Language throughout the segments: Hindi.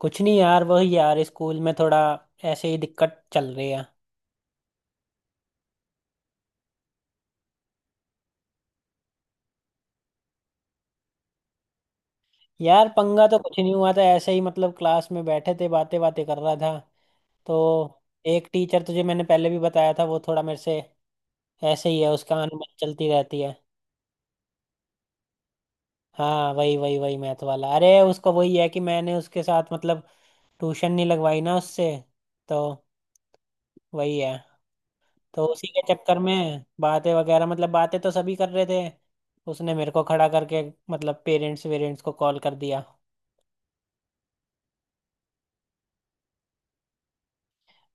कुछ नहीं यार, वही यार स्कूल में थोड़ा ऐसे ही दिक्कत चल रही है। यार पंगा तो कुछ नहीं हुआ था, ऐसे ही मतलब क्लास में बैठे थे, बातें बातें कर रहा था तो एक टीचर, तुझे मैंने पहले भी बताया था, वो थोड़ा मेरे से ऐसे ही है, उसका अनुमति चलती रहती है। हाँ वही वही वही मैथ वाला। अरे उसको वही है कि मैंने उसके साथ मतलब ट्यूशन नहीं लगवाई ना उससे, तो वही है। तो उसी के चक्कर में बातें वगैरह, मतलब बातें तो सभी कर रहे थे, उसने मेरे को खड़ा करके मतलब पेरेंट्स वेरेंट्स को कॉल कर दिया।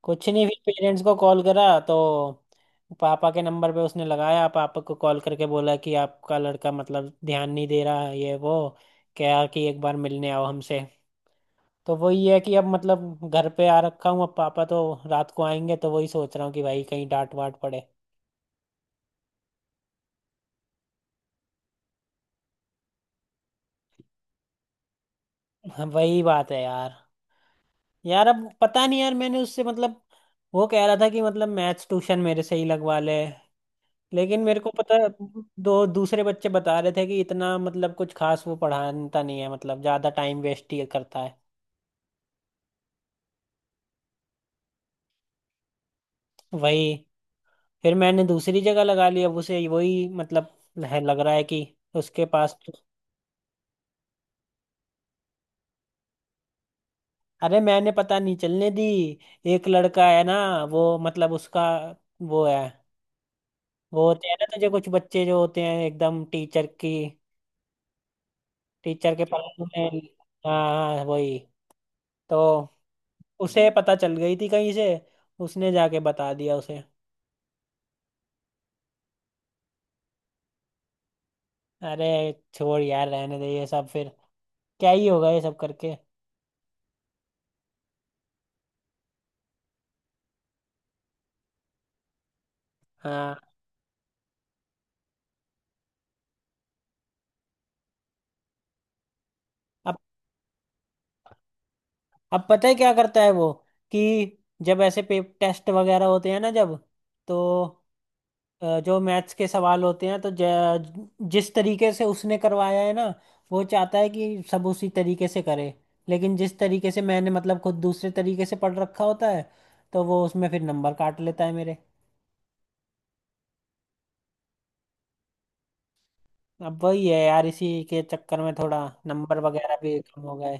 कुछ नहीं, फिर पेरेंट्स को कॉल करा तो पापा के नंबर पे उसने लगाया, पापा को कॉल करके बोला कि आपका लड़का मतलब ध्यान नहीं दे रहा है, ये वो क्या कि एक बार मिलने आओ हमसे। तो वही है कि अब मतलब घर पे आ रखा हूँ, अब पापा तो रात को आएंगे तो वही सोच रहा हूँ कि भाई कहीं डांट वाट पड़े। हाँ, वही बात है यार। यार अब पता नहीं, यार मैंने उससे मतलब वो कह रहा था कि मतलब मैथ्स ट्यूशन मेरे से ही लगवा ले, लेकिन मेरे को पता दो दूसरे बच्चे बता रहे थे कि इतना मतलब कुछ खास वो पढ़ाता नहीं है, मतलब ज्यादा टाइम वेस्ट ही करता है। वही। फिर मैंने दूसरी जगह लगा लिया, अब उसे वही मतलब है, लग रहा है कि उसके पास तो, अरे मैंने पता नहीं चलने दी। एक लड़का है ना, वो मतलब उसका वो है, वो होते हैं ना तुझे कुछ बच्चे जो होते हैं एकदम टीचर की, टीचर के पलड़ों में। हाँ हाँ, वही। तो उसे पता चल गई थी कहीं से, उसने जाके बता दिया उसे। अरे छोड़ यार, रहने दे ये सब, फिर क्या ही होगा ये सब करके। हाँ। अब अब पता है क्या करता है वो कि जब ऐसे पे टेस्ट वगैरह होते हैं ना जब, तो जो मैथ्स के सवाल होते हैं तो जिस तरीके से उसने करवाया है ना, वो चाहता है कि सब उसी तरीके से करे। लेकिन जिस तरीके से मैंने मतलब खुद दूसरे तरीके से पढ़ रखा होता है तो वो उसमें फिर नंबर काट लेता है मेरे। अब वही है यार, इसी के चक्कर में थोड़ा नंबर वगैरह भी कम हो गए।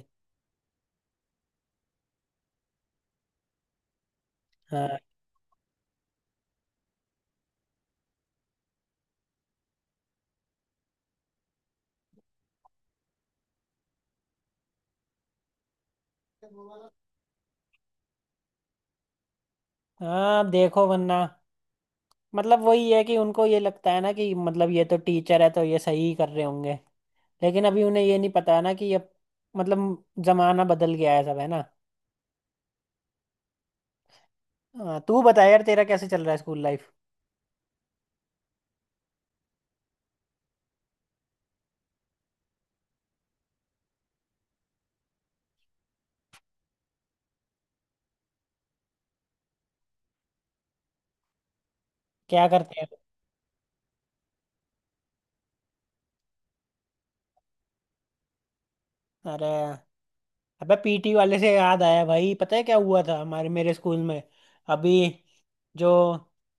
हाँ। हाँ अब देखो वरना मतलब वही है कि उनको ये लगता है ना कि मतलब ये तो टीचर है तो ये सही ही कर रहे होंगे, लेकिन अभी उन्हें ये नहीं पता ना कि अब मतलब जमाना बदल गया है, सब है ना। हाँ, तू बता यार तेरा कैसे चल रहा है स्कूल लाइफ। क्या करते हैं? अरे, अबे पीटी वाले से याद आया भाई, पता है क्या हुआ था हमारे मेरे स्कूल में अभी। जो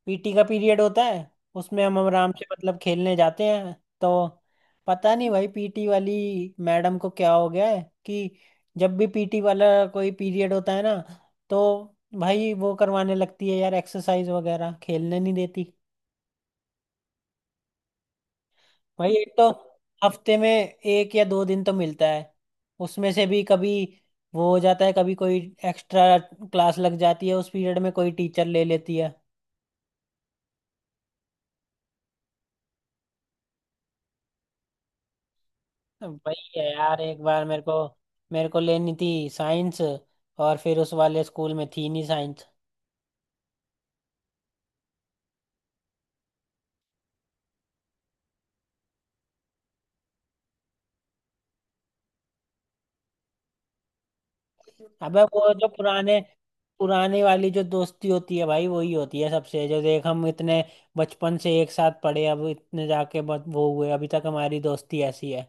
पीटी का पीरियड होता है उसमें हम आराम से मतलब खेलने जाते हैं। तो पता नहीं भाई पीटी वाली मैडम को क्या हो गया है कि जब भी पीटी वाला कोई पीरियड होता है ना तो भाई वो करवाने लगती है यार एक्सरसाइज वगैरह, खेलने नहीं देती। भाई एक तो हफ्ते में एक या दो दिन तो मिलता है, उसमें से भी कभी वो हो जाता है, कभी कोई एक्स्ट्रा क्लास लग जाती है उस पीरियड में, कोई टीचर ले लेती है। वही है यार, एक बार मेरे को, मेरे को लेनी थी साइंस और फिर उस वाले स्कूल में थी नहीं साइंस। अबे वो जो पुराने पुराने वाली जो दोस्ती होती है भाई वही होती है सबसे, जो देख हम इतने बचपन से एक साथ पढ़े, अब इतने जाके बहुत वो हुए अभी तक हमारी दोस्ती ऐसी है।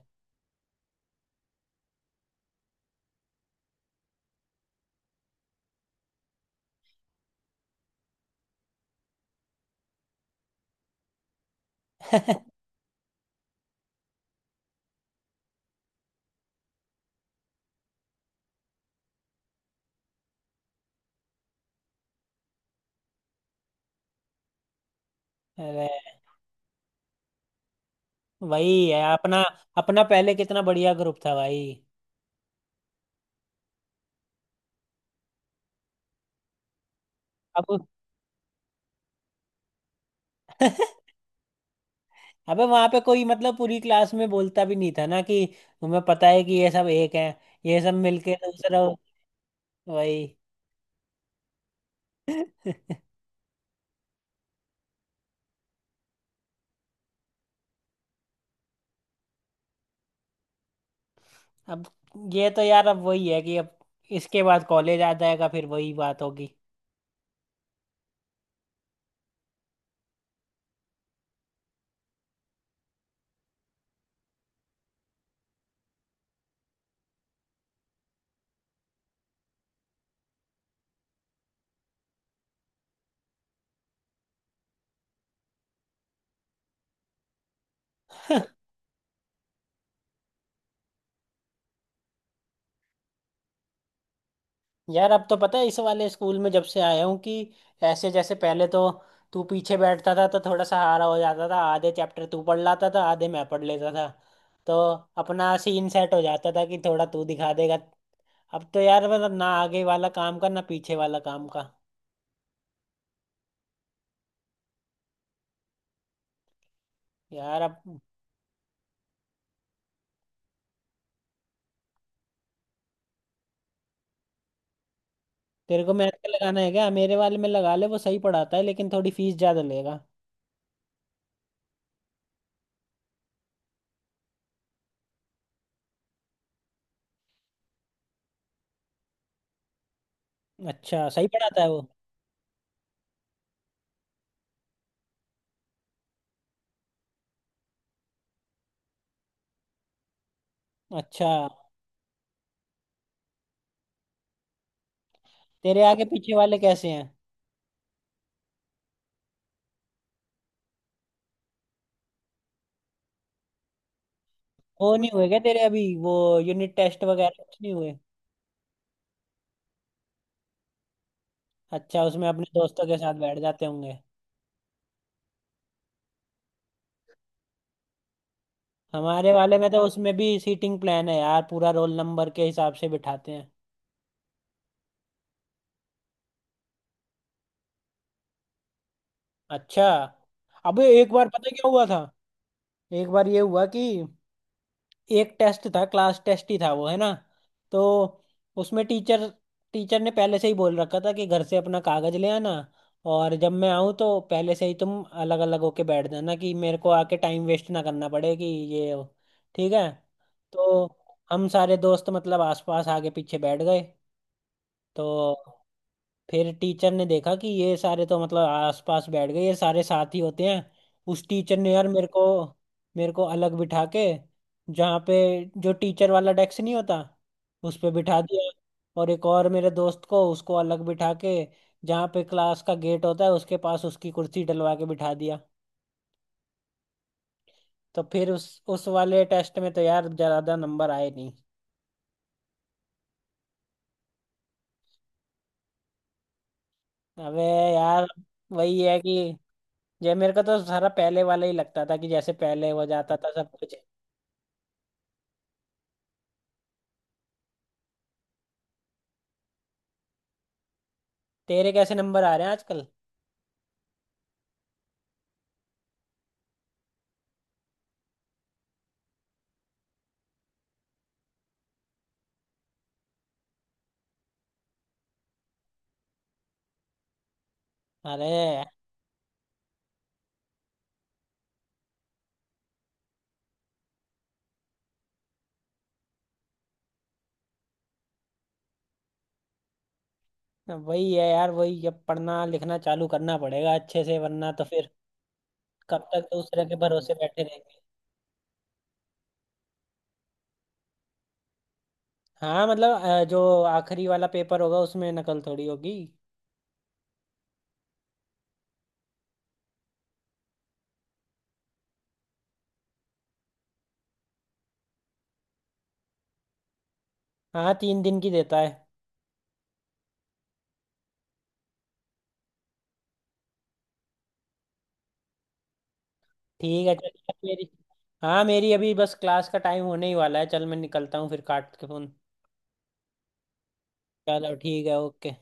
अरे वही है अपना। अपना पहले कितना बढ़िया ग्रुप था भाई। अब अबे वहां पे कोई मतलब पूरी क्लास में बोलता भी नहीं था ना कि तुम्हें पता है कि ये सब एक हैं, ये सब मिलके दूसरा, वही। अब ये तो यार अब वही है कि अब इसके बाद कॉलेज आ जाएगा फिर वही बात होगी। यार अब तो पता है इस वाले स्कूल में जब से आया हूँ कि ऐसे जैसे पहले तो तू पीछे बैठता था तो थोड़ा सहारा हो जाता था, आधे चैप्टर तू पढ़ लाता था आधे मैं पढ़ लेता तो अपना सीन सेट हो जाता था कि थोड़ा तू दिखा देगा। अब तो यार मतलब ना आगे वाला काम का ना पीछे वाला काम का। यार अब तेरे को मेहनत का लगाना है क्या? मेरे वाले में लगा ले, वो सही पढ़ाता है लेकिन थोड़ी फीस ज्यादा लेगा। अच्छा सही पढ़ाता है वो। अच्छा तेरे आगे पीछे वाले कैसे हैं? वो नहीं हुए क्या तेरे अभी वो यूनिट टेस्ट वगैरह कुछ नहीं हुए? अच्छा, उसमें अपने दोस्तों के साथ बैठ जाते होंगे। हमारे वाले में तो उसमें भी सीटिंग प्लान है यार, पूरा रोल नंबर के हिसाब से बिठाते हैं। अच्छा। अबे एक बार पता है क्या हुआ था? एक बार ये हुआ कि एक टेस्ट था, क्लास टेस्ट ही था वो है ना, तो उसमें टीचर टीचर ने पहले से ही बोल रखा था कि घर से अपना कागज ले आना, और जब मैं आऊँ तो पहले से ही तुम अलग अलग होके बैठ जाना कि मेरे को आके टाइम वेस्ट ना करना पड़े कि ये वो। ठीक है, तो हम सारे दोस्त मतलब आसपास आगे पीछे बैठ गए तो फिर टीचर ने देखा कि ये सारे तो मतलब आसपास बैठ गए, ये सारे साथ ही होते हैं। उस टीचर ने यार मेरे को, अलग बिठा के, जहाँ पे जो टीचर वाला डेस्क नहीं होता उस पे बिठा दिया, और एक और मेरे दोस्त को उसको अलग बिठा के, जहाँ पे क्लास का गेट होता है उसके पास उसकी कुर्सी डलवा के बिठा दिया। तो फिर उस वाले टेस्ट में तो यार ज़्यादा नंबर आए नहीं। अबे यार वही है कि ये मेरे को तो सारा पहले वाला ही लगता था कि जैसे पहले हो जाता था सब कुछ। तेरे कैसे नंबर आ रहे हैं आजकल? अरे वही है यार, वही। अब पढ़ना लिखना चालू करना पड़ेगा अच्छे से वरना तो फिर कब तक दूसरे के भरोसे बैठे रहेंगे। हाँ मतलब जो आखिरी वाला पेपर होगा उसमें नकल थोड़ी होगी। हाँ 3 दिन की देता है। ठीक है चल यार, मेरी, हाँ मेरी अभी बस क्लास का टाइम होने ही वाला है, चल मैं निकलता हूँ फिर, काट के फोन। चलो ठीक है, ओके।